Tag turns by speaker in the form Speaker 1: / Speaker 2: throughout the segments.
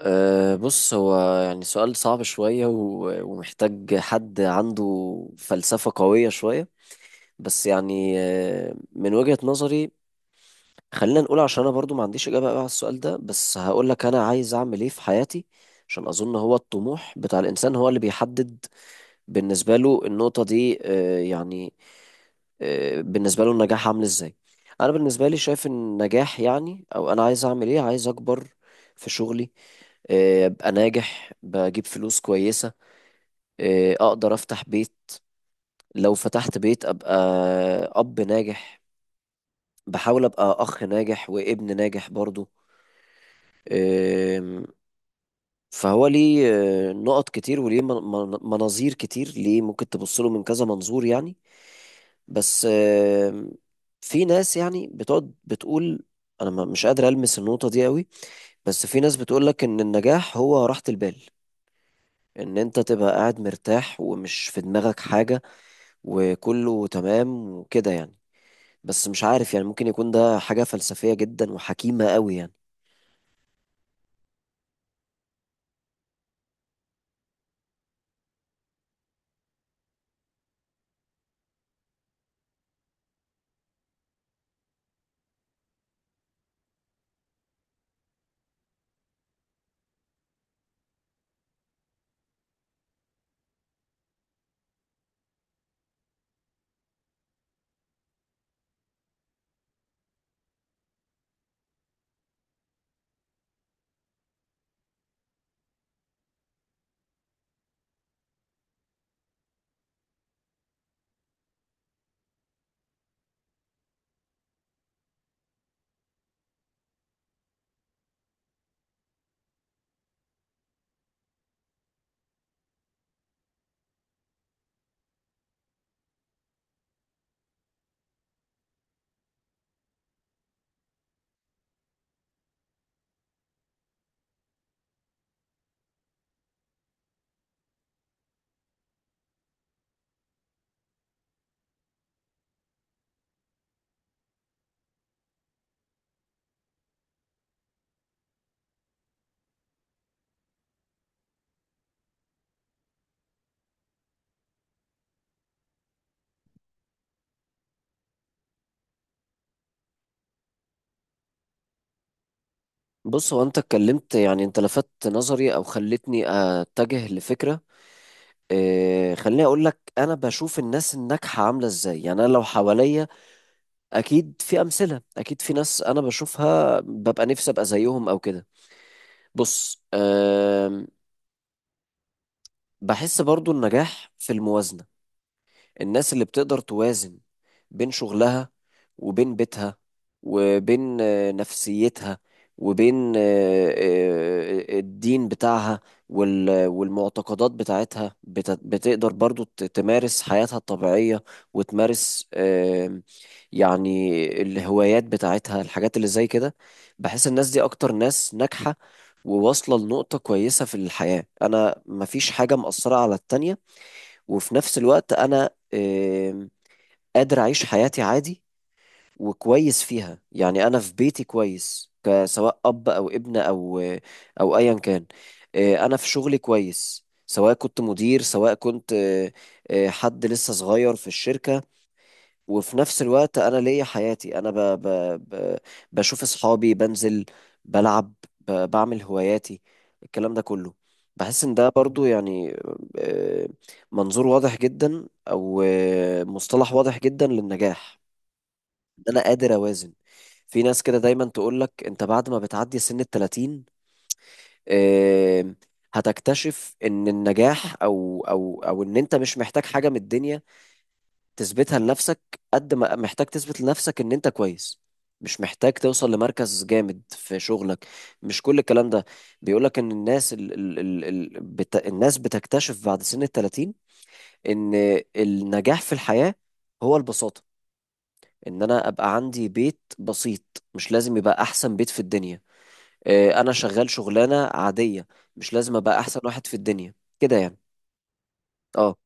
Speaker 1: بص هو يعني سؤال صعب شوية ومحتاج حد عنده فلسفة قوية شوية. بس يعني من وجهة نظري خلينا نقول، عشان أنا برضو ما عنديش إجابة بقى على السؤال ده، بس هقول لك أنا عايز أعمل إيه في حياتي. عشان أظن هو الطموح بتاع الإنسان هو اللي بيحدد بالنسبة له النقطة دي، يعني بالنسبة له النجاح عامل ازاي. انا بالنسبة لي شايف ان النجاح يعني او انا عايز اعمل ايه، عايز اكبر في شغلي، ابقى ناجح، بجيب فلوس كويسة، اقدر افتح بيت. لو فتحت بيت ابقى اب ناجح، بحاول ابقى اخ ناجح وابن ناجح برضو. آم، فهو ليه نقط كتير، وليه مناظير كتير، ليه ممكن تبص له من كذا منظور يعني. بس في ناس يعني بتقعد بتقول انا مش قادر المس النقطة دي قوي، بس في ناس بتقول لك ان النجاح هو راحة البال، ان انت تبقى قاعد مرتاح ومش في دماغك حاجة، وكله تمام وكده يعني. بس مش عارف، يعني ممكن يكون ده حاجة فلسفية جدا وحكيمة قوي يعني. بص، هو انت اتكلمت، يعني انت لفتت نظري او خلتني اتجه لفكرة، إيه، خليني اقول لك انا بشوف الناس الناجحة عاملة ازاي. يعني انا لو حواليا، اكيد في امثلة، اكيد في ناس انا بشوفها ببقى نفسي ابقى زيهم او كده. بص، بحس برضو النجاح في الموازنة. الناس اللي بتقدر توازن بين شغلها وبين بيتها وبين نفسيتها وبين الدين بتاعها والمعتقدات بتاعتها، بتقدر برضو تمارس حياتها الطبيعية، وتمارس يعني الهوايات بتاعتها، الحاجات اللي زي كده. بحس الناس دي أكتر ناس ناجحة وواصلة لنقطة كويسة في الحياة، أنا مفيش حاجة مأثرة على التانية، وفي نفس الوقت انا قادر اعيش حياتي عادي وكويس فيها. يعني انا في بيتي كويس، سواء اب او ابن او ايا كان، انا في شغلي كويس سواء كنت مدير، سواء كنت حد لسه صغير في الشركة، وفي نفس الوقت انا ليا حياتي، انا ب... بشوف اصحابي، بنزل، بلعب، بعمل هواياتي، الكلام ده كله. بحس ان ده برضو يعني آه، منظور واضح جدا، او مصطلح واضح جدا للنجاح، ان انا قادر اوازن. في ناس كده دايما تقولك انت بعد ما بتعدي سن التلاتين آه، هتكتشف ان النجاح او او او ان انت مش محتاج حاجة من الدنيا تثبتها لنفسك، قد ما محتاج تثبت لنفسك ان انت كويس، مش محتاج توصل لمركز جامد في شغلك، مش كل الكلام ده. بيقولك ان الناس ال ال ال ال بت الناس بتكتشف بعد سن التلاتين ان النجاح في الحياة هو البساطة، ان انا ابقى عندي بيت بسيط، مش لازم يبقى احسن بيت في الدنيا، انا شغال شغلانة عادية، مش لازم ابقى احسن واحد في الدنيا كده يعني. اه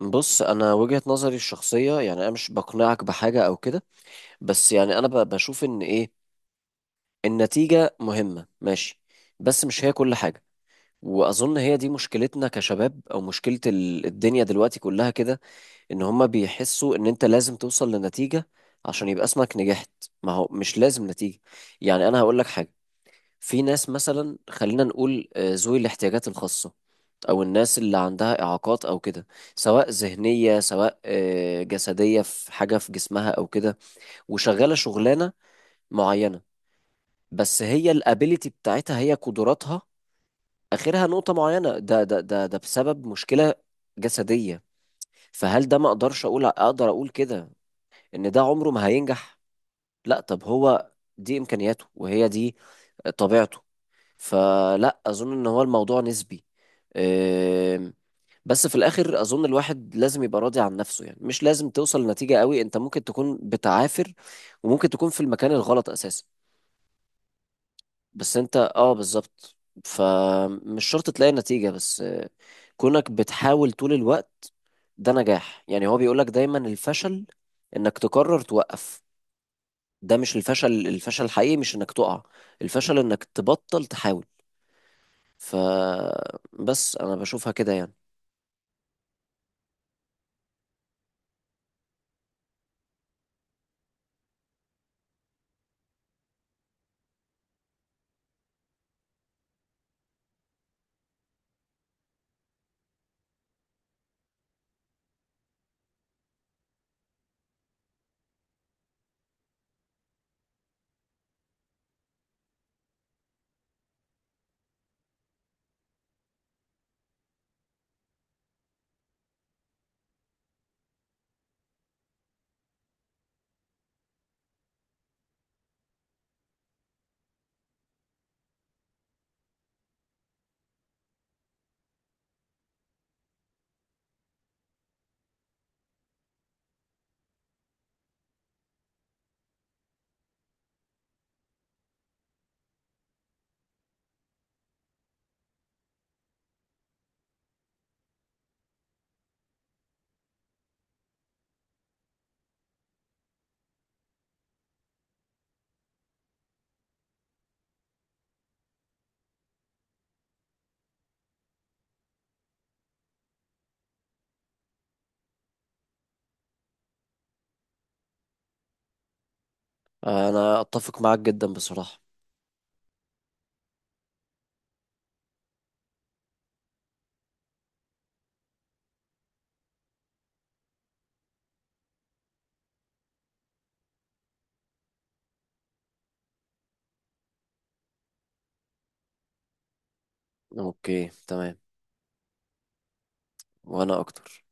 Speaker 1: بص، انا وجهة نظري الشخصية، يعني انا مش بقنعك بحاجة او كده، بس يعني انا بشوف ان ايه، النتيجة مهمة ماشي، بس مش هي كل حاجة. واظن هي دي مشكلتنا كشباب، او مشكلة الدنيا دلوقتي كلها كده، ان هما بيحسوا ان انت لازم توصل لنتيجة عشان يبقى اسمك نجحت. ما هو مش لازم نتيجة، يعني انا هقول لك حاجة. في ناس مثلا، خلينا نقول ذوي الاحتياجات الخاصة، او الناس اللي عندها اعاقات او كده، سواء ذهنية سواء جسدية، في حاجة في جسمها او كده، وشغالة شغلانة معينة، بس هي الابيليتي بتاعتها، هي قدراتها اخرها نقطة معينة، ده بسبب مشكلة جسدية. فهل ده، ما اقدرش اقول اقدر اقول كده ان ده عمره ما هينجح. لا، طب هو دي امكانياته وهي دي طبيعته. فلا اظن ان هو، الموضوع نسبي. أم، بس في الاخر اظن الواحد لازم يبقى راضي عن نفسه، يعني مش لازم توصل لنتيجة قوي، انت ممكن تكون بتعافر وممكن تكون في المكان الغلط اساسا، بس انت اه بالظبط، فمش شرط تلاقي نتيجة، بس كونك بتحاول طول الوقت ده نجاح يعني. هو بيقولك دايما الفشل انك تقرر توقف، ده مش الفشل، الفشل الحقيقي مش انك تقع، الفشل انك تبطل تحاول. فبس انا بشوفها كده يعني. انا اتفق معاك جدا بصراحة. اوكي تمام. وانا اكتر.